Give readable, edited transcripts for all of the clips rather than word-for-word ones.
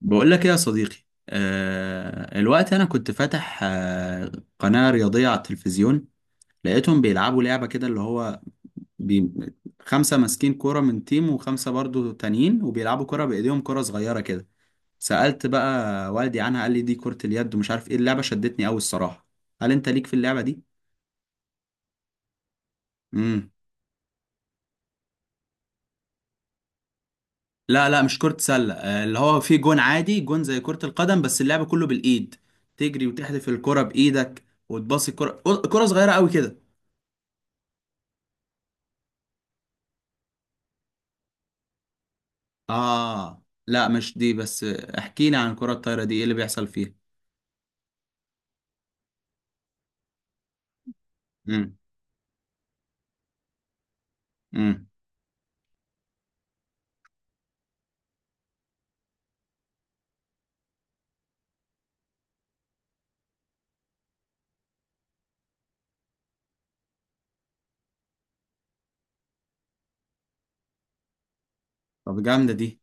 بقول لك ايه يا صديقي. الوقت انا كنت فاتح قناة رياضية على التلفزيون. لقيتهم بيلعبوا لعبة كده، اللي هو بي... خمسة ماسكين كرة من تيم وخمسة برضو تانيين، وبيلعبوا كرة بإيديهم، كرة صغيرة كده. سألت بقى والدي عنها، قال لي دي كرة اليد، ومش عارف ايه اللعبة، شدتني قوي الصراحة. هل انت ليك في اللعبة دي؟ امم. لا لا، مش كرة سلة، آه، اللي هو في جون عادي، جون زي كرة القدم، بس اللعبة كله بالإيد، تجري وتحدف الكرة بإيدك، وتباصي الكرة، كرة صغيرة قوي كده. اه لا، مش دي، بس احكي لي عن الكرة الطايرة دي، ايه اللي بيحصل فيها؟ امم. امم. طب جامدة دي.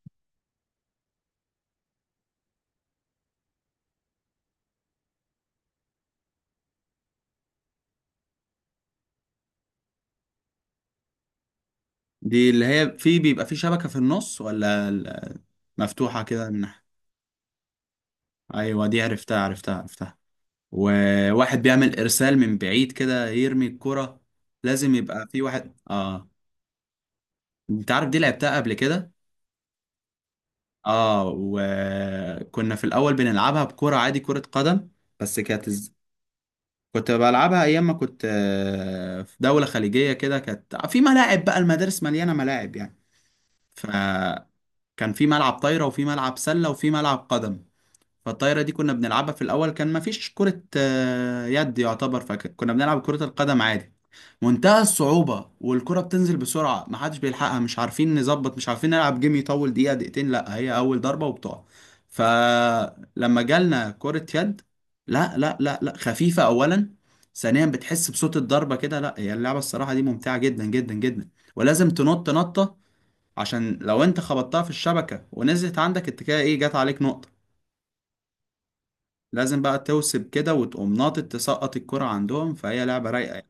دي اللي هي في بيبقى في شبكة في النص ولا مفتوحة كده من ناحية؟ ايوه، دي عرفتها عرفتها عرفتها، وواحد بيعمل ارسال من بعيد كده، يرمي الكرة، لازم يبقى في واحد، اه. انت عارف دي لعبتها قبل كده؟ اه، وكنا في الاول بنلعبها بكرة عادي كرة قدم، بس كانت. كنت بلعبها ايام ما كنت في دولة خليجية كده، كانت في ملاعب بقى، المدارس مليانة ملاعب يعني، فكان في ملعب طايرة وفي ملعب سلة وفي ملعب قدم. فالطايرة دي كنا بنلعبها في الأول، كان مفيش كرة يد يعتبر، فكنا بنلعب كرة القدم عادي. منتهى الصعوبة، والكرة بتنزل بسرعة، محدش بيلحقها، مش عارفين نظبط، مش عارفين نلعب، جيم يطول دقيقة دقيقتين لا، هي أول ضربة وبتقع. فلما جالنا كرة يد، لا لا لا لا، خفيفة أولا، ثانيا بتحس بصوت الضربة كده، لا، هي اللعبة الصراحة دي ممتعة جدا جدا جدا. ولازم تنط نطة عشان لو انت خبطتها في الشبكة ونزلت عندك انت كده، ايه، جات عليك نقطة. لازم بقى توسب كده وتقوم ناطط، تسقط الكرة عندهم، فهي لعبة رايقة يعني.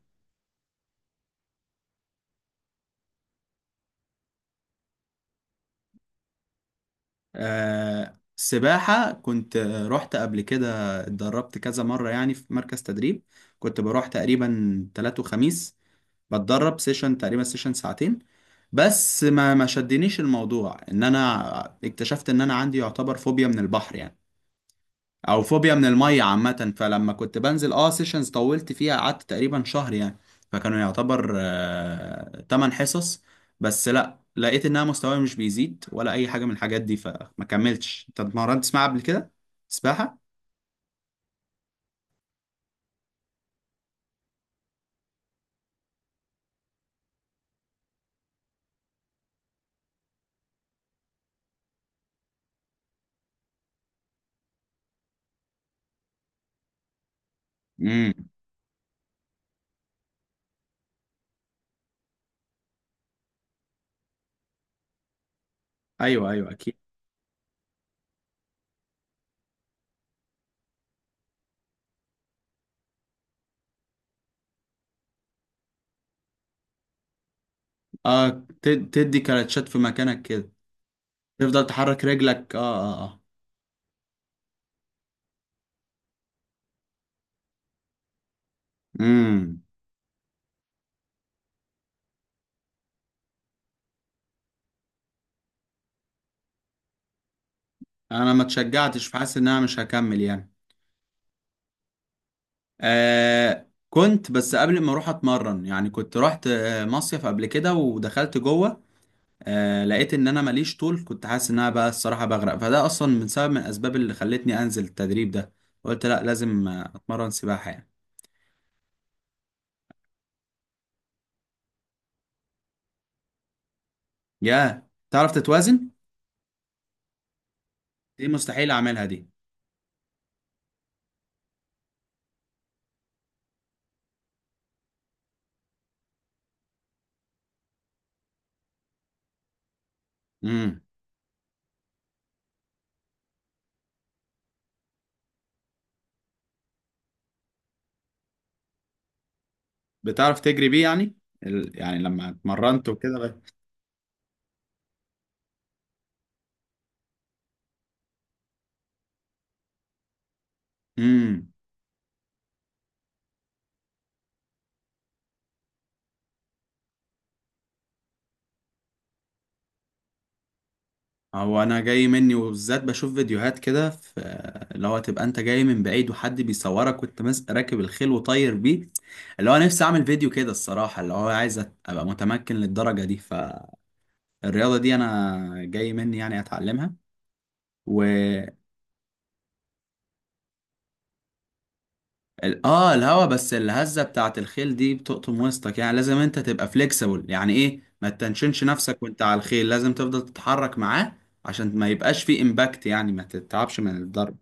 آه، سباحة كنت رحت قبل كده، اتدربت كذا مرة يعني في مركز تدريب. كنت بروح تقريبا تلات وخميس، بتدرب سيشن، تقريبا سيشن ساعتين. بس ما شدنيش الموضوع، ان انا اكتشفت ان انا عندي يعتبر فوبيا من البحر يعني، او فوبيا من الميه عامه. فلما كنت بنزل سيشنز، طولت فيها، قعدت تقريبا شهر يعني، فكانوا يعتبر 8 حصص. بس لا، لقيت انها مستواي مش بيزيد ولا اي حاجه من الحاجات دي، فما كملتش. انت اتمرنت سباحه قبل كده؟ سباحه؟ امم. ايوه ايوه اكيد. اه، تدي كلاتشات في مكانك كده، تفضل تحرك رجلك، اه. اه اه. امم. انا ما اتشجعتش، فحاسس ان انا مش هكمل يعني. كنت، بس قبل ما اروح اتمرن يعني كنت رحت مصيف قبل كده ودخلت جوه، لقيت ان انا ماليش طول، كنت حاسس ان انا بقى الصراحه بغرق، فده اصلا من سبب من الاسباب اللي خلتني انزل التدريب ده، قلت لا، لازم اتمرن سباحه يعني. يا تعرف تتوازن؟ دي مستحيل اعملها دي. امم. بتعرف تجري بيه يعني؟ يعني لما اتمرنت وكده. امم. هو انا جاي مني، وبالذات بشوف فيديوهات كده، في اللي هو تبقى انت جاي من بعيد وحد بيصورك وانت ماسك راكب الخيل وطاير بيه، اللي هو نفسي اعمل فيديو كده الصراحة، اللي هو عايز ابقى متمكن للدرجة دي، فالرياضة دي انا جاي مني يعني اتعلمها. و الهوا، بس الهزة بتاعت الخيل دي بتقطم وسطك يعني، لازم انت تبقى فليكسبل يعني، ايه، ما تنشنش نفسك وانت على الخيل، لازم تفضل تتحرك معاه عشان ما يبقاش فيه امباكت، يعني ما تتعبش من الضرب.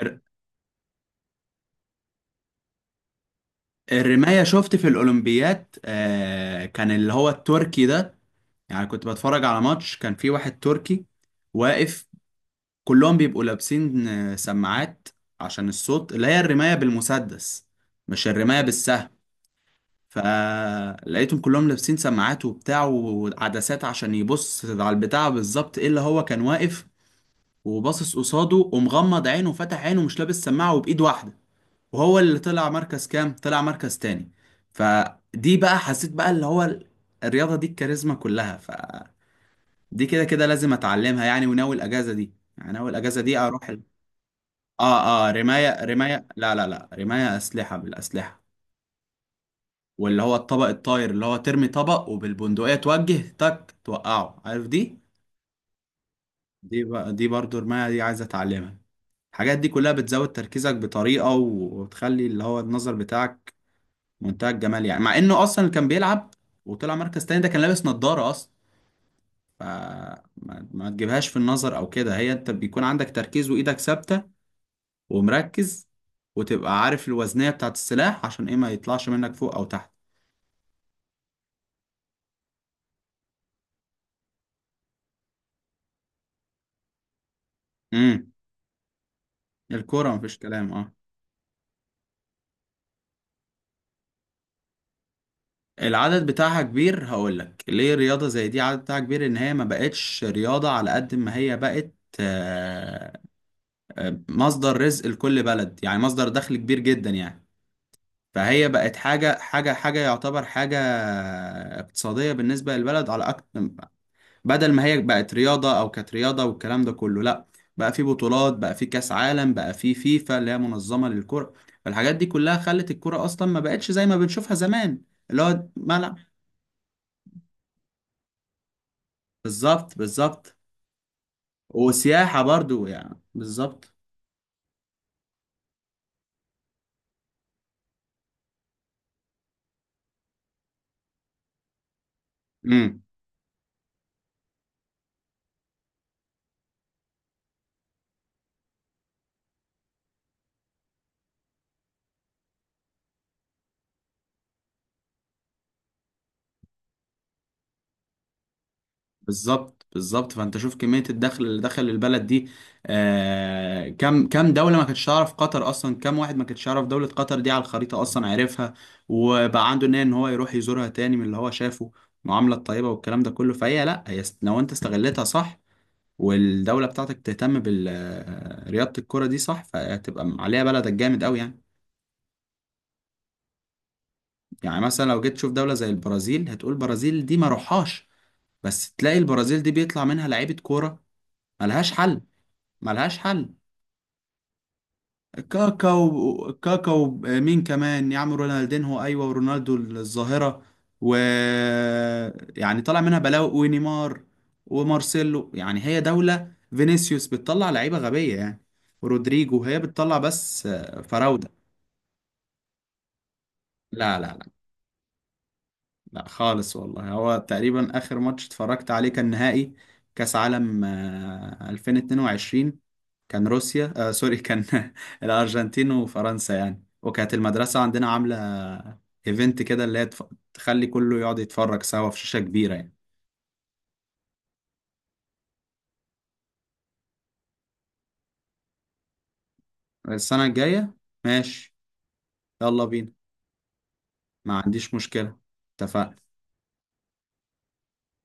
امم. الرماية شفت في الأولمبيات، كان اللي هو التركي ده، يعني كنت بتفرج على ماتش، كان في واحد تركي واقف، كلهم بيبقوا لابسين سماعات عشان الصوت، اللي هي الرماية بالمسدس، مش الرماية بالسهم. فلقيتهم كلهم لابسين سماعات وبتاع وعدسات عشان يبص على البتاع بالظبط، ايه اللي هو كان واقف وباصص قصاده ومغمض عينه وفتح عينه، مش لابس سماعة وبإيد واحدة، وهو اللي طلع مركز كام، طلع مركز تاني. فدي بقى حسيت بقى اللي هو الرياضة دي الكاريزما كلها فدي، كده كده لازم اتعلمها يعني، وناوي الاجازة دي، يعني ناوي الاجازة دي اروح اه اه، رماية رماية، لا لا لا، رماية اسلحة، بالاسلحة، واللي هو الطبق الطاير اللي هو ترمي طبق وبالبندقية توجه تك توقعه، عارف دي؟ دي بقى دي برضو رماية، دي عايز اتعلمها. الحاجات دي كلها بتزود تركيزك بطريقة، وتخلي اللي هو النظر بتاعك منتهى الجمال يعني، مع انه اصلا اللي كان بيلعب وطلع مركز تاني ده كان لابس نظارة اصلا، فما ما تجيبهاش في النظر او كده، هي انت بيكون عندك تركيز وايدك ثابتة ومركز، وتبقى عارف الوزنية بتاعت السلاح عشان ايه ما يطلعش منك فوق او تحت. امم. الكورة مفيش كلام، اه. العدد بتاعها كبير، هقول لك ليه رياضة زي دي عدد بتاعها كبير، ان هي ما بقتش رياضة على قد ما هي بقت آه، مصدر رزق لكل بلد يعني، مصدر دخل كبير جدا يعني، فهي بقت حاجة حاجة حاجة يعتبر حاجة اقتصادية بالنسبة للبلد على أكتر، بدل ما هي بقت رياضة أو كانت رياضة والكلام ده كله، لأ، بقى في بطولات، بقى في كأس عالم، بقى في فيفا اللي هي منظمة للكرة، فالحاجات دي كلها خلت الكرة أصلا ما بقتش زي ما بنشوفها زمان، اللي هو ملعب. بالظبط بالظبط. وسياحة برضو يعني، بالظبط. مم. بالظبط بالظبط، فانت شوف كميه الدخل اللي دخل البلد دي، كم كم دوله ما كانتش تعرف قطر اصلا، كم واحد ما كانتش يعرف دوله قطر دي على الخريطه اصلا، عارفها وبقى عنده نيه ان هو يروح يزورها تاني من اللي هو شافه المعامله الطيبه والكلام ده كله، فهي لا هي لو انت استغلتها صح، والدوله بتاعتك تهتم برياضه الكره دي صح، فهتبقى عليها بلدك جامد قوي يعني. يعني مثلا لو جيت تشوف دوله زي البرازيل هتقول البرازيل دي ما روحهاش، بس تلاقي البرازيل دي بيطلع منها لعيبه كوره ملهاش حل. ملهاش حل. كاكا. كاكا. مين كمان يا عم، رونالدينهو، ايوه، ورونالدو الظاهره، و يعني طلع منها بلاوي، ونيمار ومارسيلو يعني، هي دوله فينيسيوس بتطلع لعيبه غبيه يعني، ورودريجو، هي بتطلع بس فراوده. لا لا لا خالص والله، هو تقريبا آخر ماتش اتفرجت عليه كان نهائي كأس عالم 2022، كان روسيا سوري، كان الأرجنتين وفرنسا يعني، وكانت المدرسة عندنا عاملة ايفنت كده اللي هي تخلي كله يقعد يتفرج سوا في شاشة كبيرة يعني. السنة الجاية. ماشي. يلا بينا، ما عنديش مشكلة، اتفقنا.